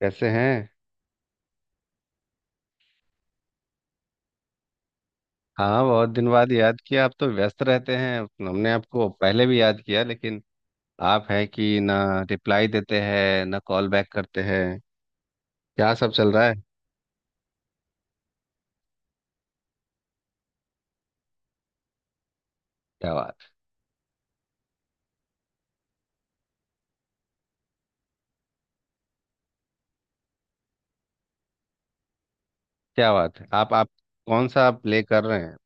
कैसे हैं। हाँ, बहुत दिन बाद याद किया। आप तो व्यस्त रहते हैं। हमने आपको पहले भी याद किया, लेकिन आप हैं कि ना रिप्लाई देते हैं, ना कॉल बैक करते हैं। क्या सब चल रहा है? क्या बात। क्या बात है। आप कौन सा प्ले कर रहे हैं?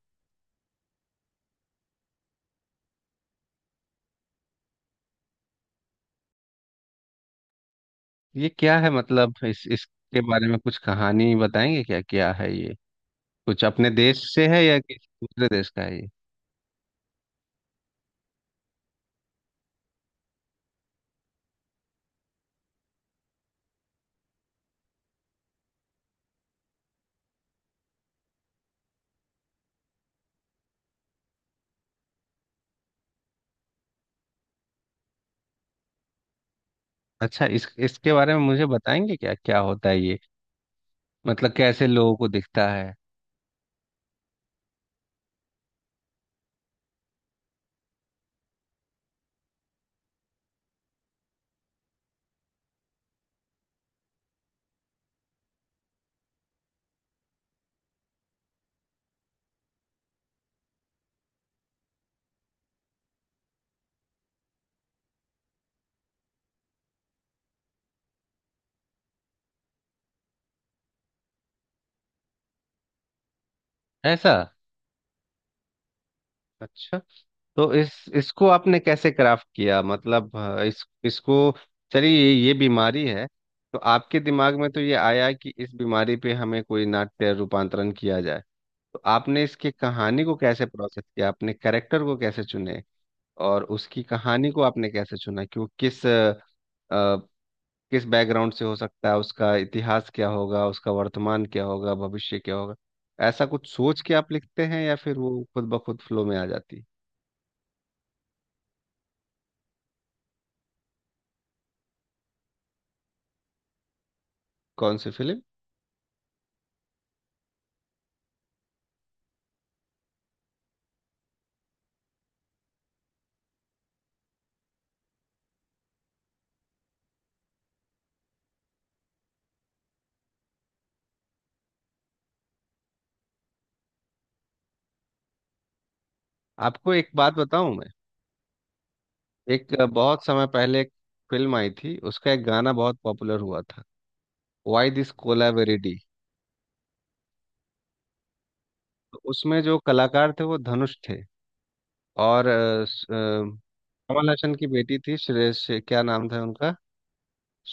ये क्या है? मतलब इस इसके बारे में कुछ कहानी बताएंगे, क्या क्या है ये? कुछ अपने देश से है या किसी दूसरे देश का है ये? अच्छा, इस इसके बारे में मुझे बताएंगे, क्या क्या होता है ये? मतलब कैसे लोगों को दिखता है? ऐसा? अच्छा, तो इस इसको आपने कैसे क्राफ्ट किया? मतलब अ, इस इसको चलिए ये बीमारी है। तो आपके दिमाग में तो ये आया कि इस बीमारी पे हमें कोई नाट्य रूपांतरण किया जाए। तो आपने इसकी कहानी को कैसे प्रोसेस किया? आपने कैरेक्टर को कैसे चुने? और उसकी कहानी को आपने कैसे चुना कि वो किस अ, किस बैकग्राउंड से हो सकता है? उसका इतिहास क्या होगा, उसका वर्तमान क्या होगा, भविष्य क्या होगा? ऐसा कुछ सोच के आप लिखते हैं या फिर वो खुद ब खुद फ्लो में आ जाती है? कौन सी फिल्म? आपको एक बात बताऊं मैं। एक बहुत समय पहले एक फिल्म आई थी, उसका एक गाना बहुत पॉपुलर हुआ था, वाई दिस कोलावेरिडी। तो उसमें जो कलाकार थे वो धनुष थे, और कमल हसन की बेटी थी, क्या नाम था उनका,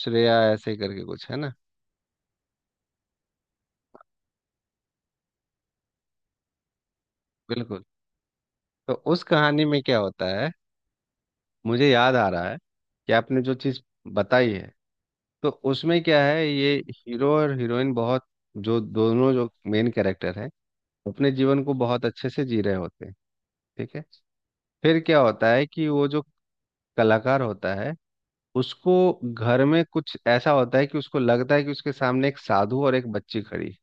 श्रेया ऐसे ही करके कुछ है ना? बिल्कुल। तो उस कहानी में क्या होता है, मुझे याद आ रहा है कि आपने जो चीज बताई है। तो उसमें क्या है, ये हीरो और हीरोइन, बहुत, जो दोनों जो मेन कैरेक्टर है, अपने जीवन को बहुत अच्छे से जी रहे होते हैं। ठीक है। फिर क्या होता है कि वो जो कलाकार होता है, उसको घर में कुछ ऐसा होता है कि उसको लगता है कि उसके सामने एक साधु और एक बच्ची खड़ी है।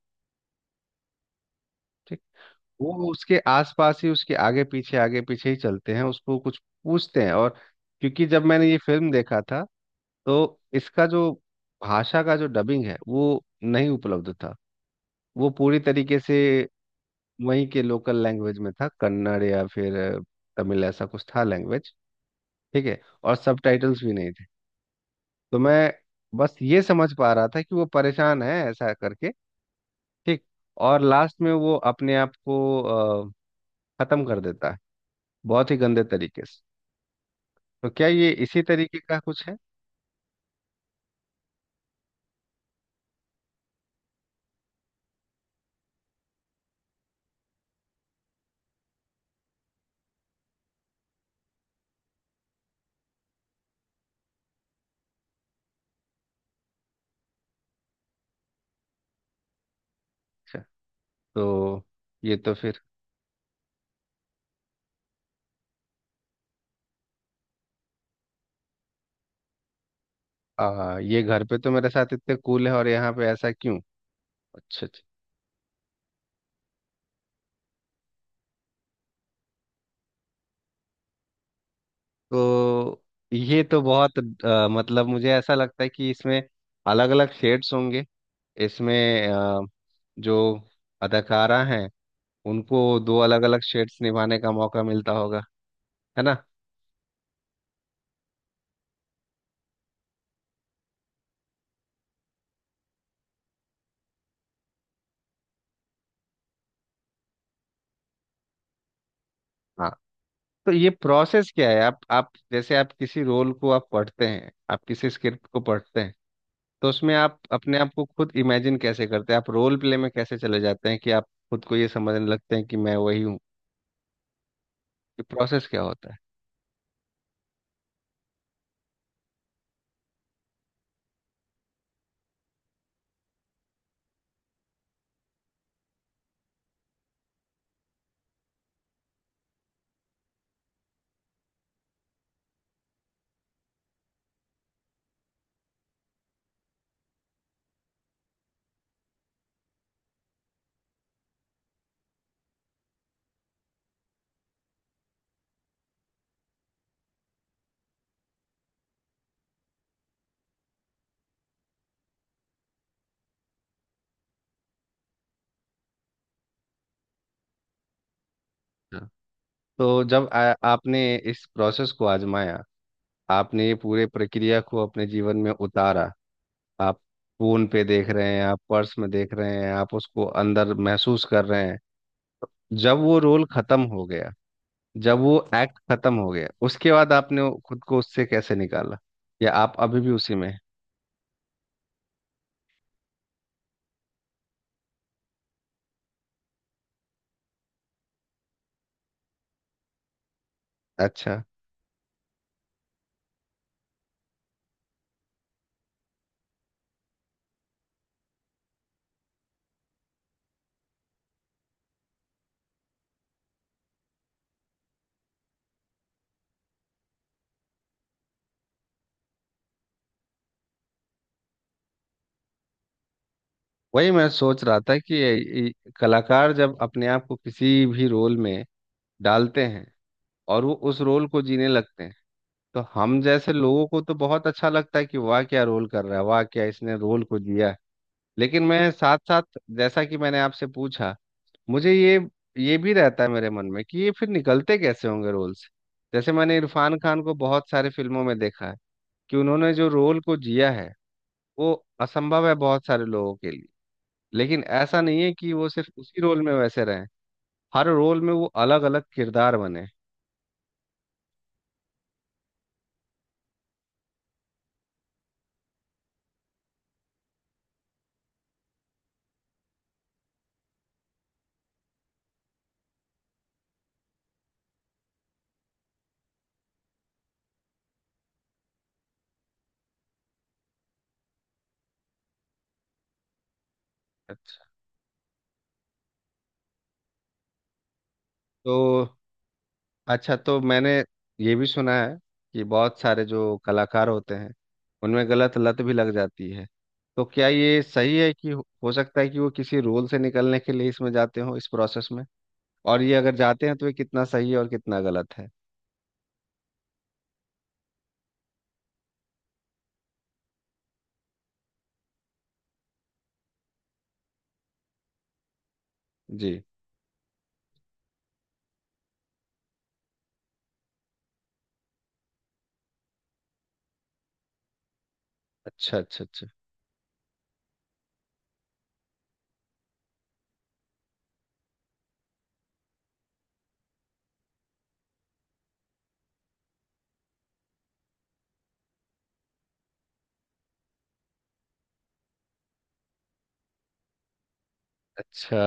ठीक। वो उसके आसपास ही, उसके आगे पीछे ही चलते हैं, उसको कुछ पूछते हैं। और क्योंकि जब मैंने ये फिल्म देखा था, तो इसका जो भाषा का जो डबिंग है वो नहीं उपलब्ध था, वो पूरी तरीके से वहीं के लोकल लैंग्वेज में था, कन्नड़ या फिर तमिल ऐसा कुछ था लैंग्वेज। ठीक है, और सब टाइटल्स भी नहीं थे। तो मैं बस ये समझ पा रहा था कि वो परेशान है ऐसा करके। ठीक। और लास्ट में वो अपने आप को अ, खत्म कर देता है, बहुत ही गंदे तरीके से। तो क्या ये इसी तरीके का कुछ है? अच्छा, तो ये तो फिर। ये घर पे तो मेरे साथ इतने कूल है और यहाँ पे ऐसा क्यों? अच्छा, अच्छा। तो ये तो बहुत मतलब मुझे ऐसा लगता है कि इसमें अलग अलग शेड्स होंगे, इसमें अ, जो अदाकारा हैं, उनको दो अलग अलग शेड्स निभाने का मौका मिलता होगा, है ना? हाँ। तो ये प्रोसेस क्या है? आप जैसे आप किसी रोल को आप पढ़ते हैं, आप किसी स्क्रिप्ट को पढ़ते हैं। तो उसमें आप अपने आप को खुद इमेजिन कैसे करते हैं? आप रोल प्ले में कैसे चले जाते हैं कि आप खुद को ये समझने लगते हैं कि मैं वही हूँ? ये प्रोसेस क्या होता है? हाँ। तो जब आपने इस प्रोसेस को आजमाया, आपने ये पूरे प्रक्रिया को अपने जीवन में उतारा। आप फोन पे देख रहे हैं, आप पर्स में देख रहे हैं, आप उसको अंदर महसूस कर रहे हैं। जब वो रोल खत्म हो गया, जब वो एक्ट खत्म हो गया, उसके बाद आपने खुद को उससे कैसे निकाला? या आप अभी भी उसी में हैं? अच्छा। वही मैं सोच रहा था कि ये कलाकार जब अपने आप को किसी भी रोल में डालते हैं और वो उस रोल को जीने लगते हैं, तो हम जैसे लोगों को तो बहुत अच्छा लगता है कि वाह क्या रोल कर रहा है, वाह क्या इसने रोल को जिया है। लेकिन मैं साथ साथ, जैसा कि मैंने आपसे पूछा, मुझे ये भी रहता है मेरे मन में कि ये फिर निकलते कैसे होंगे रोल से। जैसे मैंने इरफान खान को बहुत सारी फिल्मों में देखा है कि उन्होंने जो रोल को जिया है, वो असंभव है बहुत सारे लोगों के लिए। लेकिन ऐसा नहीं है कि वो सिर्फ उसी रोल में वैसे रहें, हर रोल में वो अलग अलग किरदार बने। अच्छा। तो अच्छा तो मैंने ये भी सुना है कि बहुत सारे जो कलाकार होते हैं, उनमें गलत लत भी लग जाती है। तो क्या ये सही है कि हो सकता है कि वो किसी रोल से निकलने के लिए इसमें जाते हो, इस प्रोसेस में, और ये अगर जाते हैं तो ये कितना सही है और कितना गलत है? जी। अच्छा, अच्छा, अच्छा। अच्छा,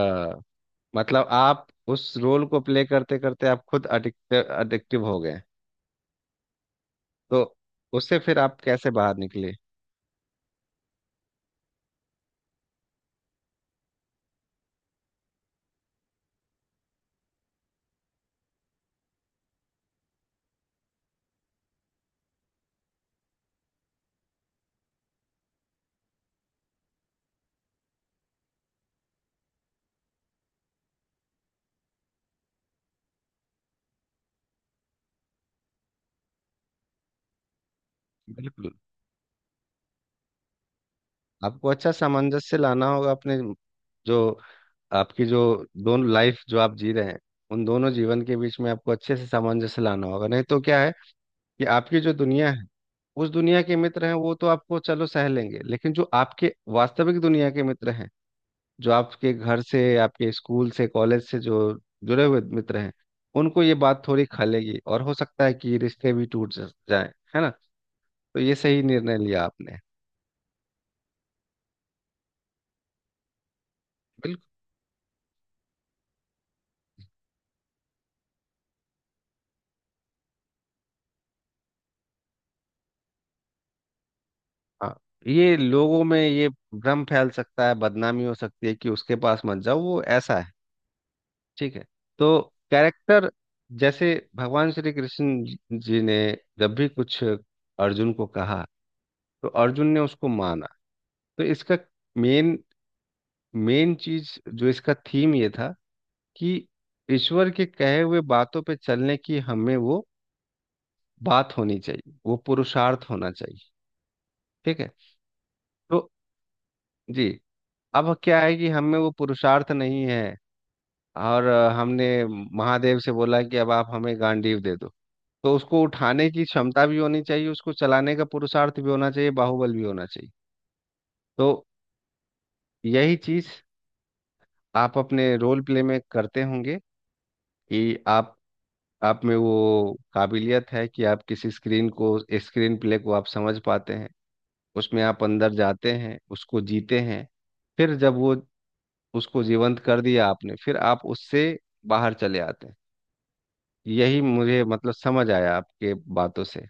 मतलब आप उस रोल को प्ले करते करते आप खुद अडिक्ट अडिक्टिव हो गए। तो उससे फिर आप कैसे बाहर निकले? बिल्कुल। आपको अच्छा सामंजस्य लाना होगा अपने, जो आपकी जो दोनों लाइफ जो आप जी रहे हैं, उन दोनों जीवन के बीच में आपको अच्छे से सामंजस्य लाना होगा। नहीं तो क्या है कि आपकी जो दुनिया है, उस दुनिया के मित्र हैं वो तो आपको चलो सह लेंगे, लेकिन जो आपके वास्तविक दुनिया के मित्र हैं, जो आपके घर से, आपके स्कूल से, कॉलेज से जो जुड़े हुए मित्र हैं, उनको ये बात थोड़ी खलेगी, और हो सकता है कि रिश्ते भी टूट जाए, है ना? तो ये सही निर्णय लिया आपने। बिल्कुल। हाँ, ये लोगों में ये भ्रम फैल सकता है, बदनामी हो सकती है कि उसके पास मत जाओ, वो ऐसा है। ठीक है। तो कैरेक्टर जैसे भगवान श्री कृष्ण जी जी ने जब भी कुछ अर्जुन को कहा, तो अर्जुन ने उसको माना। तो इसका मेन मेन चीज जो इसका थीम ये था कि ईश्वर के कहे हुए बातों पे चलने की हमें वो बात होनी चाहिए, वो पुरुषार्थ होना चाहिए। ठीक है। तो जी, अब क्या है कि हमें वो पुरुषार्थ नहीं है, और हमने महादेव से बोला कि अब आप हमें गांडीव दे दो। तो उसको उठाने की क्षमता भी होनी चाहिए, उसको चलाने का पुरुषार्थ भी होना चाहिए, बाहुबल भी होना चाहिए। तो यही चीज आप अपने रोल प्ले में करते होंगे कि आप आप में वो काबिलियत है कि आप किसी स्क्रीन को, स्क्रीन प्ले को आप समझ पाते हैं, उसमें आप अंदर जाते हैं, उसको जीते हैं। फिर जब वो उसको जीवंत कर दिया आपने, फिर आप उससे बाहर चले आते हैं। यही मुझे मतलब समझ आया आपके बातों से।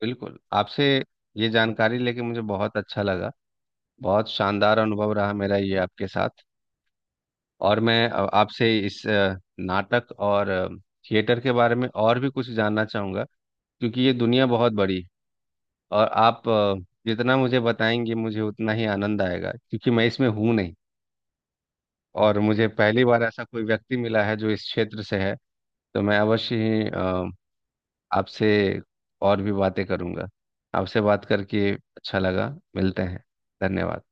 बिल्कुल। आपसे ये जानकारी लेके मुझे बहुत अच्छा लगा। बहुत शानदार अनुभव रहा मेरा ये आपके साथ। और मैं आपसे इस नाटक और थिएटर के बारे में और भी कुछ जानना चाहूँगा। क्योंकि ये दुनिया बहुत बड़ी है, और आप जितना मुझे बताएंगे मुझे उतना ही आनंद आएगा, क्योंकि मैं इसमें हूँ नहीं। और मुझे पहली बार ऐसा कोई व्यक्ति मिला है जो इस क्षेत्र से है। तो मैं अवश्य ही आपसे और भी बातें करूंगा। आपसे बात करके अच्छा लगा। मिलते हैं। धन्यवाद।